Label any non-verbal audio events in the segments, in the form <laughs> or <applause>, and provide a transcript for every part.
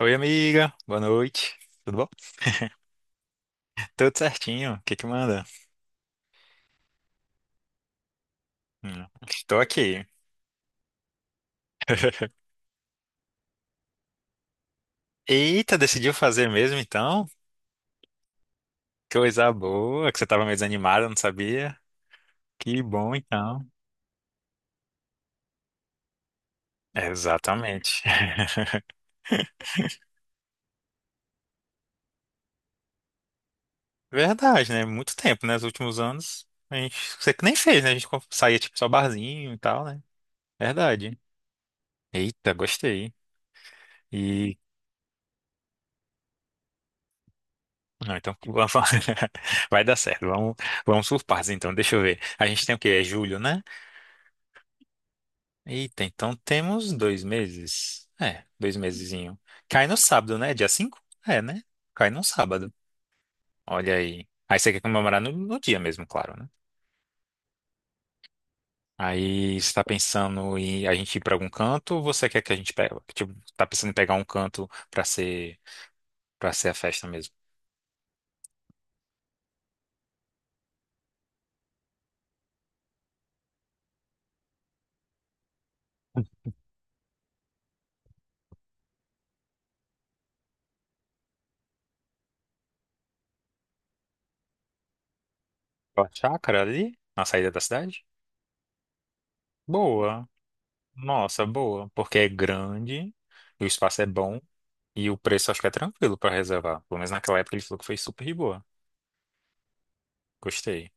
Oi, amiga. Boa noite. Tudo bom? Tudo certinho. O que que manda? Estou aqui. <laughs> Eita, decidiu fazer mesmo então? Coisa boa, que você estava meio desanimada, não sabia? Que bom então. Exatamente. <laughs> Verdade, né? Muito tempo, né? Nos últimos anos, a gente, você que nem fez, né? A gente saía tipo só barzinho e tal, né? Verdade. Eita, gostei. E não, então <laughs> vai dar certo. Vamos por partes então. Deixa eu ver. A gente tem o quê? É julho, né? Eita, então temos 2 meses. É, 2 mesezinho. Cai no sábado, né? Dia 5, é, né? Cai no sábado. Olha aí. Aí você quer comemorar no dia mesmo, claro, né? Aí você tá pensando em a gente ir pra algum canto ou você quer que a gente pegue? Tipo, tá pensando em pegar um canto pra ser a festa mesmo? A chácara ali, na saída da cidade? Boa. Nossa, boa. Porque é grande, o espaço é bom e o preço acho que é tranquilo pra reservar. Pelo menos naquela época ele falou que foi super de boa. Gostei.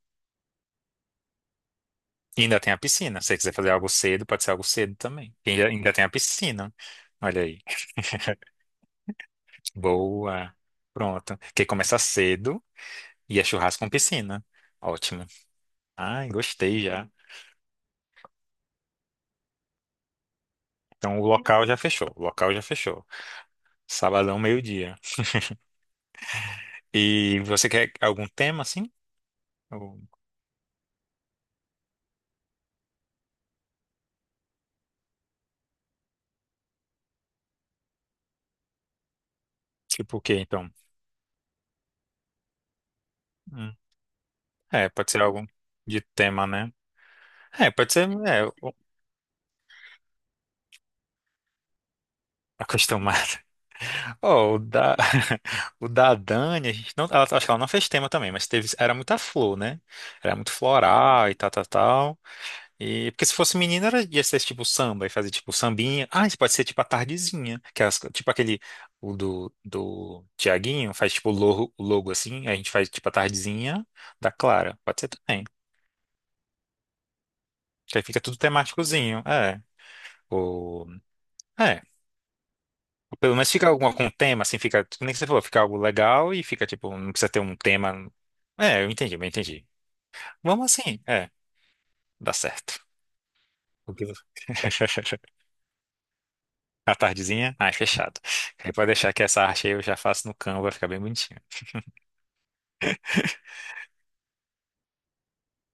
E ainda tem a piscina. Se você quiser fazer algo cedo, pode ser algo cedo também. E ainda tem a piscina. Olha aí. Boa. Pronto. Quer começar cedo e é churrasco com piscina. Ótimo. Ai, gostei já. Então o local já fechou. O local já fechou. Sabadão, meio-dia. <laughs> E você quer algum tema assim? Ou, tipo o quê, então? Hum. É, pode ser algo de tema, né? É, pode ser é, acostumado. Ó, o da, <laughs> o da Dani, a gente não, acho que ela não fez tema também, mas teve, era muita flor, né? Era muito floral e tal, tal, tal. E, porque se fosse menina, era, ia ser tipo samba, e fazer tipo sambinha. Ah, isso pode ser tipo a tardezinha, que é tipo aquele, o do Tiaguinho, faz tipo o logo assim, a gente faz tipo a tardezinha da Clara. Pode ser também. Que aí fica tudo temáticozinho, é. O, é. Pelo menos fica alguma com tema, assim, fica, nem que você falou, fica algo legal e fica, tipo, não precisa ter um tema. É, eu entendi, eu entendi. Vamos assim, é, dá certo. O que- você- <laughs> A tardezinha? Ah, é fechado. Aí pode deixar que essa arte aí eu já faço no Canva, vai ficar bem bonitinho.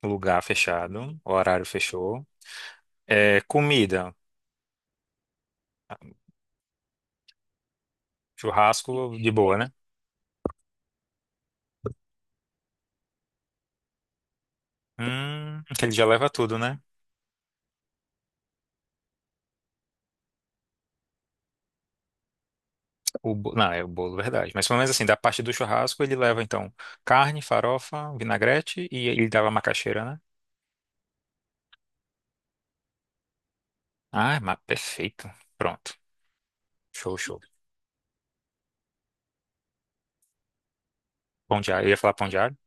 Lugar fechado, horário fechou. É, comida, churrasco de boa, né? Que ele já leva tudo, né? Não, é o bolo, verdade. Mas pelo menos assim, da parte do churrasco, ele leva então carne, farofa, vinagrete e ele dava macaxeira, né? Ah, mas perfeito. Pronto. Show, show. Pão de alho. Eu ia falar pão de alho?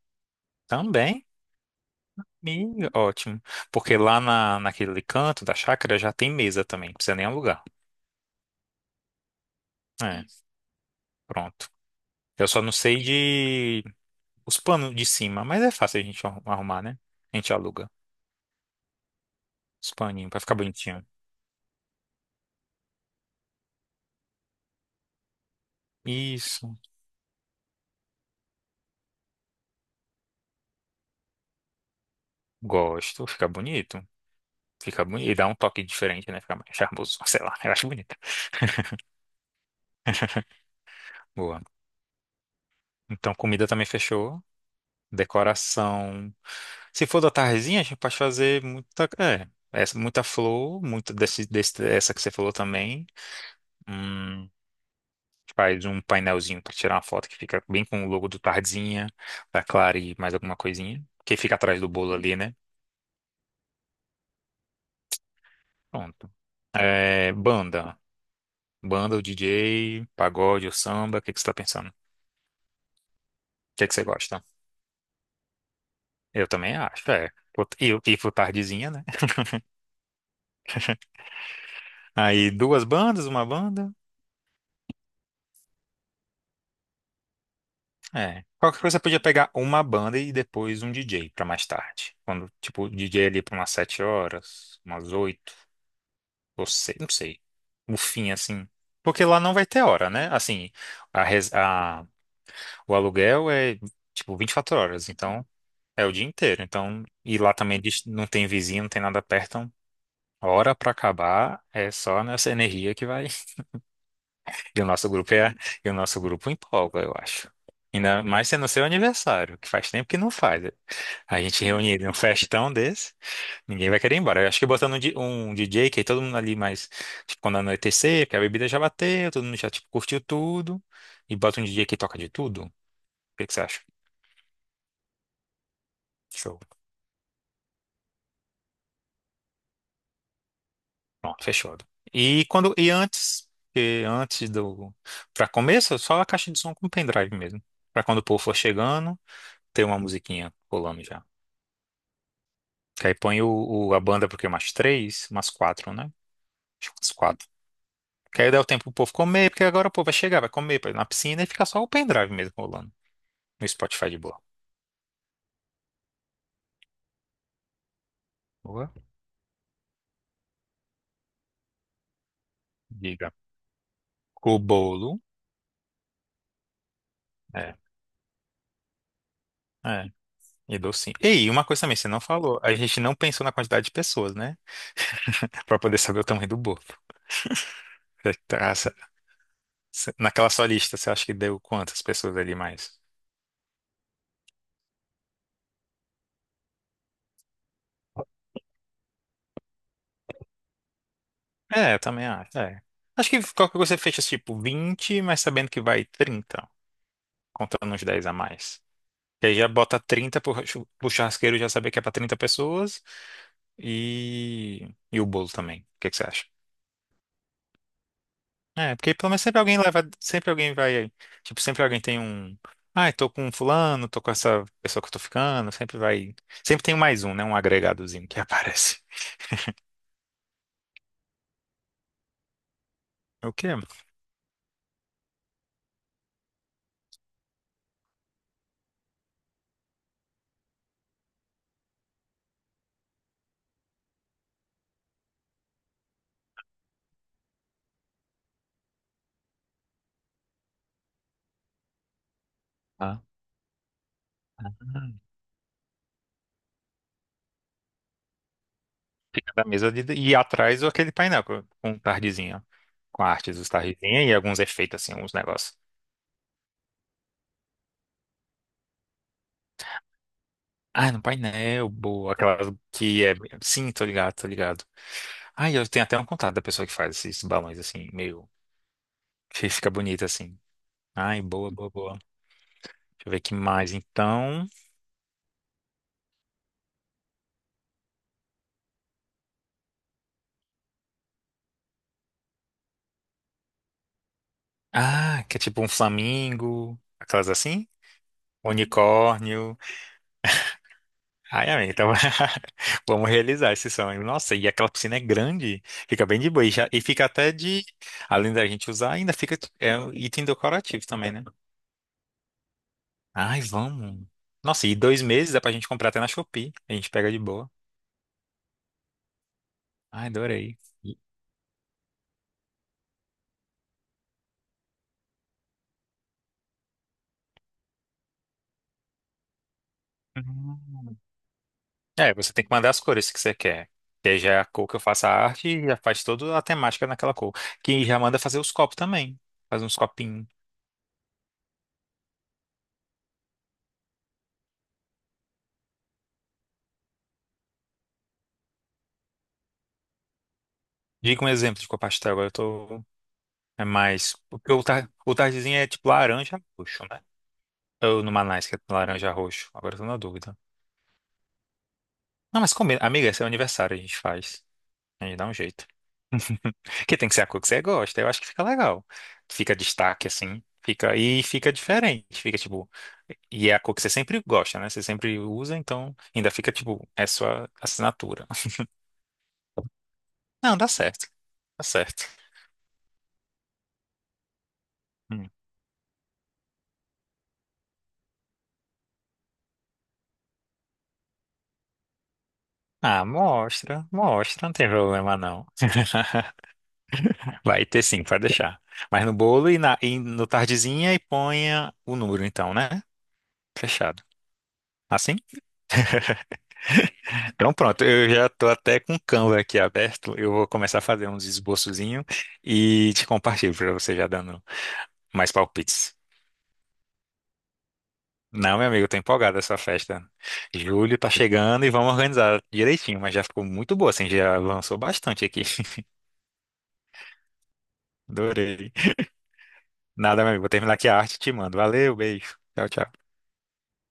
Também. Ih, ótimo. Porque lá naquele canto da chácara já tem mesa também. Não precisa nem alugar. É, pronto. Eu só não sei de os panos de cima, mas é fácil a gente arrumar, né? A gente aluga os paninhos pra ficar bonitinho. Isso. Gosto. Fica bonito. Fica bonito. E dá um toque diferente, né? Fica mais charmoso. <laughs> Sei lá. Eu acho bonito. Boa. Então, comida também fechou. Decoração. Se for da tardezinha, a gente pode fazer muita, é, essa, muita flor, muita desse, essa que você falou também. Hum, faz um painelzinho para tirar uma foto que fica bem com o logo do Tardezinha, da Clara e mais alguma coisinha. Que fica atrás do bolo ali, né? Pronto. É, banda. Banda, o DJ, pagode ou samba, o que que você tá pensando? O que que você gosta? Eu também acho, é. E pro Tardezinha, né? Aí duas bandas, uma banda. É. Qualquer coisa você podia pegar uma banda e depois um DJ pra mais tarde. Quando, tipo, o DJ ali pra umas 7 horas, umas 8, ou sei, não sei. No fim, assim. Porque lá não vai ter hora, né? Assim, a, res- a- o aluguel é, tipo, 24 horas. Então, é o dia inteiro. Então, e lá também não tem vizinho, não tem nada perto. Então, hora pra acabar é só nessa energia que vai. E o nosso grupo é, e o nosso grupo empolga, eu acho. Ainda mais sendo seu aniversário, que faz tempo que não faz. A gente reunir num festão desse, ninguém vai querer ir embora. Eu acho que botando um DJ, que aí todo mundo ali mais, tipo, quando anoitecer, porque a bebida já bateu, todo mundo já, tipo, curtiu tudo, e bota um DJ que toca de tudo. O que que você acha? Show. Pronto, fechado. E quando, e antes, e antes do, pra começo, só a caixa de som com pendrive mesmo. Pra quando o povo for chegando, ter uma musiquinha rolando já. Que aí põe a banda, porque umas 3, umas 4, né? Acho que umas 4. Que aí dá o tempo pro povo comer, porque agora o povo vai chegar, vai comer, vai na piscina e fica só o pendrive mesmo rolando. No Spotify de boa. Boa. Diga. O bolo. É. É. E docinho. E aí, uma coisa também, você não falou. A gente não pensou na quantidade de pessoas, né? <laughs> Pra poder saber o tamanho do bolo. Você tá- essa- você- Naquela sua lista, você acha que deu quantas pessoas ali mais? É, eu também acho. É. Acho que qualquer coisa você fecha tipo 20 mas sabendo que vai 30 contando uns 10 a mais. Que aí já bota 30 pro churrasqueiro já saber que é pra 30 pessoas. E o bolo também. O que que você acha? É, porque pelo menos sempre alguém leva, sempre alguém vai, tipo, sempre alguém tem um, ai, tô com fulano, tô com essa pessoa que eu tô ficando, sempre vai, sempre tem mais um, né, um agregadozinho que <laughs> aparece. É o quê? Ah, ah. Fica da mesa de, e atrás aquele painel com, tardezinha, com artes dos tardezinha e alguns efeitos, assim, uns negócios. Ah, no painel, boa. Aquelas que é. Sim, tô ligado, tô ligado. Ah, eu tenho até um contato da pessoa que faz esses balões assim, meio. <laughs> Que fica bonito assim. Ai, boa, boa, boa. Deixa eu ver que mais. Então. Ah, que é tipo um flamingo. Aquelas assim? Unicórnio. Ai, amém. Então, <laughs> vamos realizar esse sonho. Nossa, e aquela piscina é grande. Fica bem de boa. E fica até de. Além da gente usar, ainda fica. É um item decorativo também, né? Ai, vamos. Nossa, e 2 meses dá pra gente comprar até na Shopee. A gente pega de boa. Ai, adorei. E- Hum. É, você tem que mandar as cores que você quer. Que aí já é a cor que eu faço a arte e já faz toda a temática naquela cor. Que já manda fazer os copos também. Faz uns copinhos. Diga um exemplo de cor pastel. Agora eu tô. É mais. Porque o tardezinho é tipo laranja roxo, né? Ou no Manais, que é laranja roxo. Agora eu tô na dúvida. Não, mas combina. Amiga, esse é o aniversário, a gente faz. A gente dá um jeito. <laughs> Que tem que ser a cor que você gosta. Eu acho que fica legal. Fica destaque, assim. Fica, e fica diferente. Fica, tipo... E é a cor que você sempre gosta, né? Você sempre usa, então ainda fica, tipo, é sua assinatura. <laughs> Não, dá certo. Dá certo. Hum. Ah, mostra. Mostra, não tem problema, não. <laughs> Vai ter sim, pode deixar. Mas no bolo e no tardezinha e ponha o número, então, né? Fechado. Assim? Então pronto, eu já estou até com o Canva aqui aberto. Eu vou começar a fazer uns esboçozinhos e te compartilho para você já dando mais palpites. Não, meu amigo, eu tô empolgado essa festa. Julho tá chegando e vamos organizar direitinho, mas já ficou muito boa, assim, já avançou bastante aqui. <laughs> Adorei. Nada, meu amigo, vou terminar aqui a arte e te mando. Valeu, beijo. Tchau, tchau.